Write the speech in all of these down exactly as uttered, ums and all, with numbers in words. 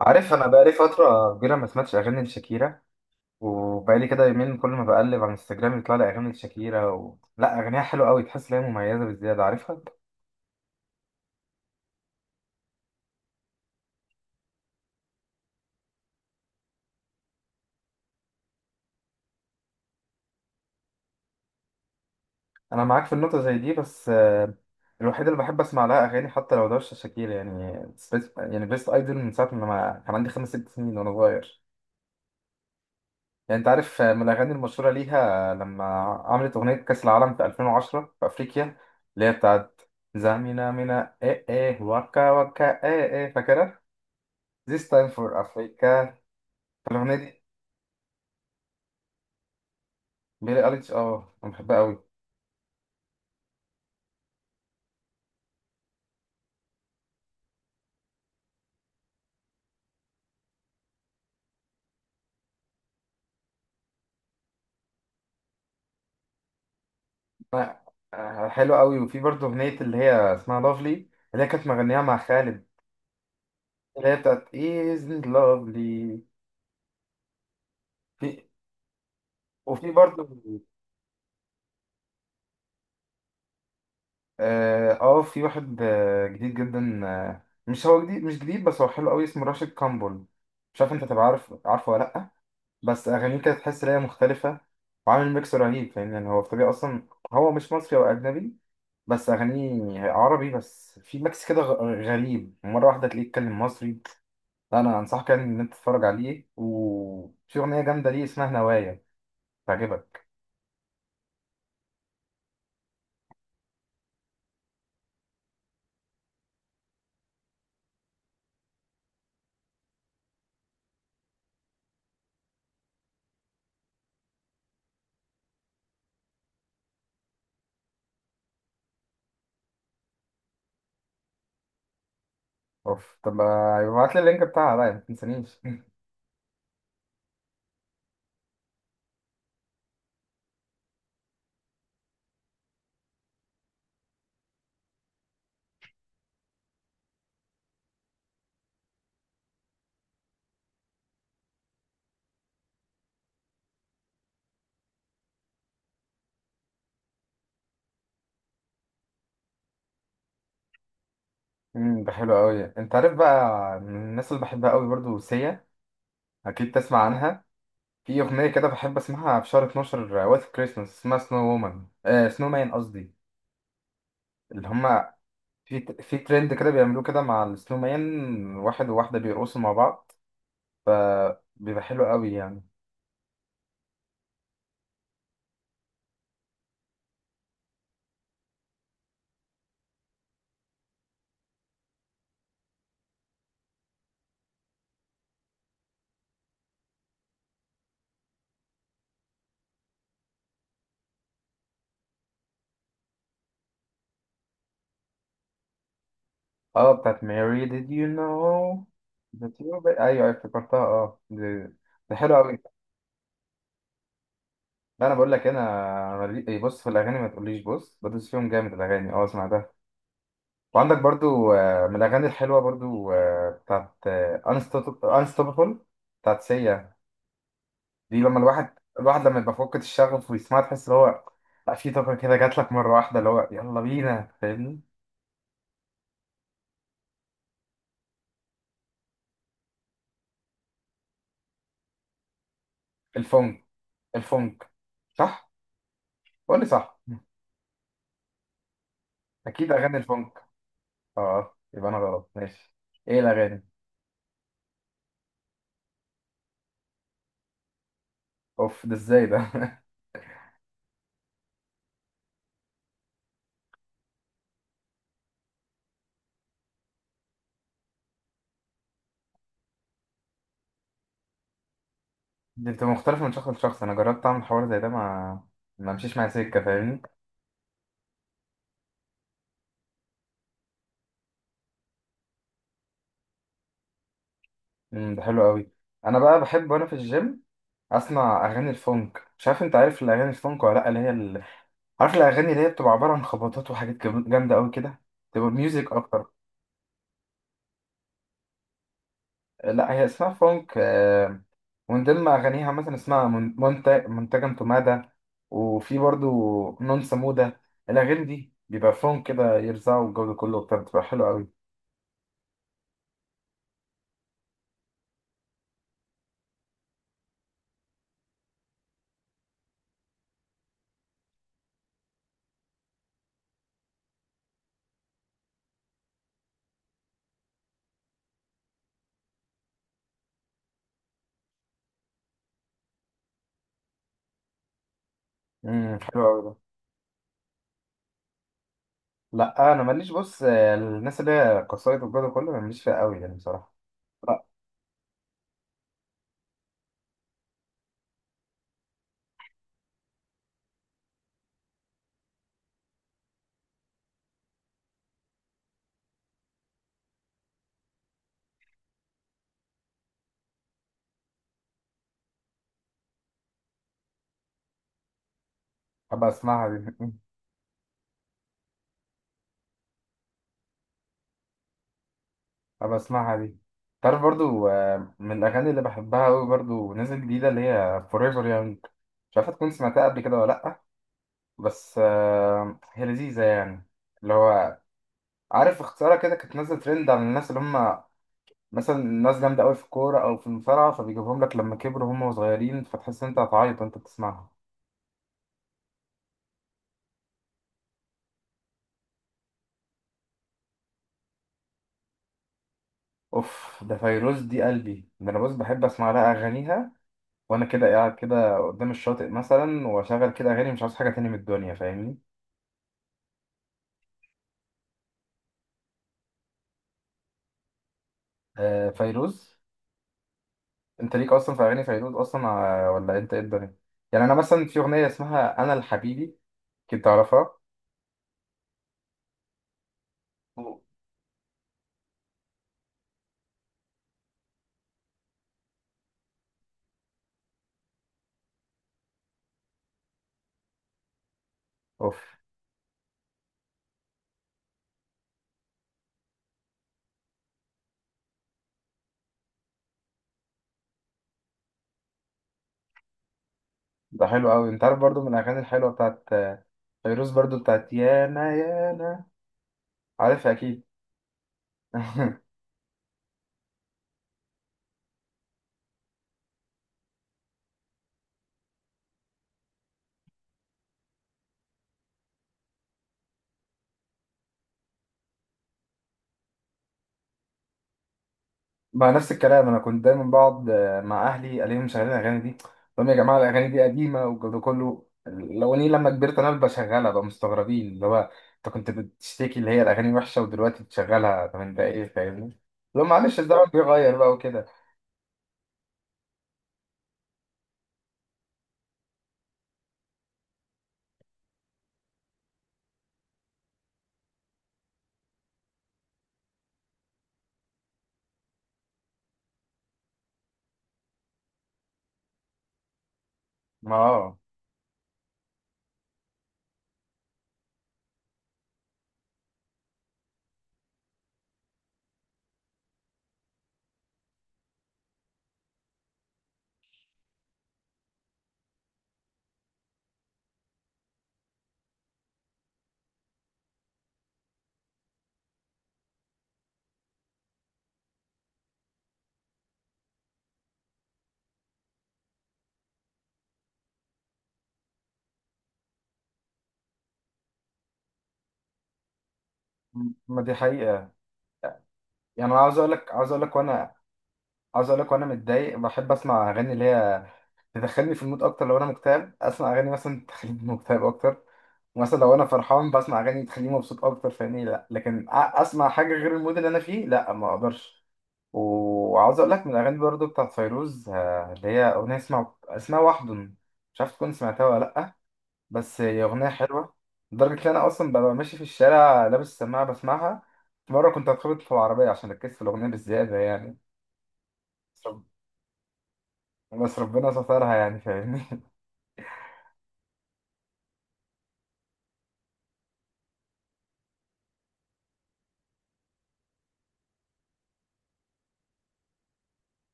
عارف انا بقالي فتره كبيره ما سمعتش اغاني لشاكيرا. وبقالي كده يومين، كل ما بقلب على انستجرام يطلع لي اغاني لشاكيرا و... لا، اغانيها حلوه قوي، تحس ان هي مميزه بزياده، عارفها. انا معاك في النقطه زي دي، بس آه، الوحيده اللي بحب اسمع لها اغاني حتى لو ده مش شاكيرا، يعني سبيس... يعني بيست ايدول، من ساعه ما ما كان عندي خمس ست سنين وانا صغير. يعني انت عارف، آه، من الاغاني المشهوره ليها لما عملت اغنيه كاس العالم في ألفين وعشرة في افريقيا، اللي هي بتاعت زامينا مينا ايه ايه وكا وكا ايه ايه، فاكرها؟ This time for Africa، الأغنية دي. بيلي أليكس، اه أنا بحبها أوي. أنا- آه، حلوة أوي. وفي برضه أغنية اللي هي اسمها لافلي، اللي هي كانت مغنيها مع خالد، اللي هي بتاعت isn't lovely. في، وفي برضه اه، آه، في واحد آه، جديد جدا، آه، مش هو جديد مش جديد بس هو حلو أوي، اسمه راشد كامبول. مش عارف أنت تبقى عارف، عارفه ولا لأ، بس أغانيه كانت تحس إن هي مختلفة وعامل ميكس رهيب، فاهم يعني؟ هو في طبيعة أصلا هو مش مصري، هو أجنبي، بس أغانيه عربي، بس في ميكس كده غ- غريب، مرة واحدة تلاقيه يتكلم مصري. لا أنا أنصحك يعني إن أنت تتفرج عليه، وفي أغنية جامدة ليه اسمها نوايا، تعجبك. أوف، طب ابعت لي اللينك بتاعها بقى، ما تنسانيش. أمم، ده حلو أوي. أنت عارف بقى من الناس اللي بحبها أوي برضو؟ سيا، أكيد تسمع عنها. في أغنية كده بحب أسمعها في شهر اتناشر وقت كريسماس، اسمها سنو وومن، آه سنو مان قصدي، اللي هما. في في ترند كده بيعملوه كده مع السنو مان، واحد وواحدة بيرقصوا مع بعض، فبيبقى حلو قوي يعني. اه، بتاعت ماري did you know that you be- ايوه افتكرتها، اه دي- ده حلو قوي. انا بقول لك انا ملي- بص، في الاغاني ما تقوليش بص، بدوس فيهم جامد الاغاني، اه اسمع ده. وعندك برضو آه، من الاغاني الحلوه برضو، آه، بتاعت آه، Unstop- unstoppable بتاعت سيا. دي لما الواحد الواحد لما يبقى فقد الشغف ويسمعها، تحس ان هو، لا، في طاقه كده جات لك مره واحده اللي هو يلا بينا، فاهمني؟ الفونك، الفونك، صح؟ قول لي صح، اكيد اغاني الفونك. اه يبقى انا غلط، ماشي. ايه الاغاني؟ اوف، ده ازاي ده؟ دي بتبقى مختلفه من شخص لشخص. انا جربت اعمل حوار زي ده، ما ما مشيش معايا سكه، فاهمني؟ امم ده حلو قوي. انا بقى بحب وانا في الجيم اسمع اغاني الفونك. مش عارف انت عارف الاغاني الفونك ولا لا، اللي هي ال... عارف الاغاني اللي هي بتبقى عباره عن خبطات وحاجات جم- جامده قوي كده، تبقى ميوزك اكتر. لا هي اسمها فونك. ومن ضمن أغانيها مثلا اسمها من- منتج منتجم تومادا، وفي برضو نون سمودة. الأغاني دي بيبقى فيهم كده يرزعوا الجو ده كله وبتاع، بتبقى حلوة أوي. امم حلوة أوي ده. لا أنا ماليش، بص الناس اللي هي قصايد والجو ده كله أنا ماليش فيها أوي يعني بصراحة، لا. أبقى أسمعها دي. مم. أبقى أسمعها دي. تعرف برضو آه، من الأغاني اللي بحبها أوي برضو نازل جديدة، اللي هي Forever Young. مش عارفة تكون سمعتها قبل كده ولا لأ، بس آه، هي لذيذة يعني. اللي هو، عارف اختصارها كده، كانت نازله ترند على الناس اللي هم مثلا ناس جامده قوي في الكوره او في المصارعه، فبيجيبهم لك لما كبروا هم صغيرين، فتحس إن انت هتعيط وانت بتسمعها. اوف، ده فيروز، دي قلبي ده، انا بص بحب اسمع لها اغانيها وانا كده قاعد كده قدام الشاطئ مثلا، واشغل كده اغاني، مش عاوز حاجه تاني من الدنيا، فاهمني؟ آه فيروز. انت ليك اصلا في اغاني فيروز اصلا، آه، ولا انت ايه الدنيا؟ يعني انا مثلا في اغنيه اسمها انا الحبيبي، كنت تعرفها؟ أوه. اوف ده حلو قوي. انت عارف برضو من الاغاني الحلوه بتاعت آه، فيروز برضو بتاعت يانا يانا، عارفها اكيد. مع نفس الكلام. انا كنت دايما بقعد آه، مع اهلي الاقيهم مشغلين الاغاني دي، طب يا جماعه الاغاني دي قديمه والجو ده كله، الاغاني لما كبرت انا بشغلها بقى، مستغربين اللي هو انت كنت بتشتكي اللي هي الاغاني وحشه ودلوقتي بتشغلها، طب انت ايه، فاهمني؟ لو معلش، الزمن بيغير بقى وكده. ما اه. ما دي حقيقه. يعني انا عاوز اقول لك عاوز اقول لك وانا عاوز اقول لك وانا متضايق بحب اسمع اغاني اللي هي تدخلني في المود اكتر. لو انا مكتئب اسمع اغاني مثلا تخليني مكتئب اكتر. مثلا لو انا فرحان بسمع اغاني تخليني مبسوط اكتر، فاهمني؟ لا لكن أ- اسمع حاجه غير المود اللي انا فيه؟ لا ما اقدرش. وعاوز اقول لك من الاغاني برضو بتاعت فيروز آه، اللي هي اغنيه اسمها اسمها وحدن، مش عارف تكون سمعتها ولا لا، بس هي اغنيه حلوه، لدرجه ان انا اصلا ببقى ماشي في الشارع لابس سماعه بسمعها. مره كنت هتخبط في العربيه عشان ركزت في الاغنيه بالزياده يعني، بس ربنا سترها يعني، فاهمني؟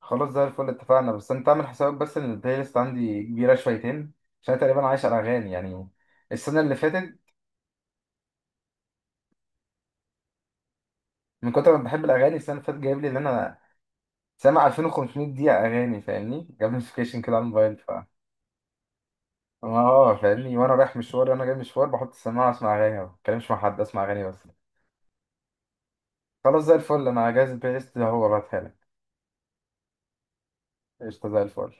خلاص زي الفل اتفقنا، بس انت اعمل حسابك بس ان البلاي ليست عندي كبيره شويتين، عشان أنا تقريبا عايش على اغاني يعني. السنه اللي فاتت، من كتر ما بحب الاغاني السنه اللي فاتت جايب لي ان انا سامع ألفين وخمسمائة دقيقه اغاني، فاهمني؟ جاب نوتيفيكيشن كده على الموبايل. ف اه، فاهمني؟ وانا رايح مشوار وانا جاي مشوار بحط السماعه اسمع اغاني، ما بتكلمش مع حد، اسمع اغاني بس. خلاص زي الفل، انا جاهز البلاي ليست ده هو، بعتها لك. قشطه زي الفل.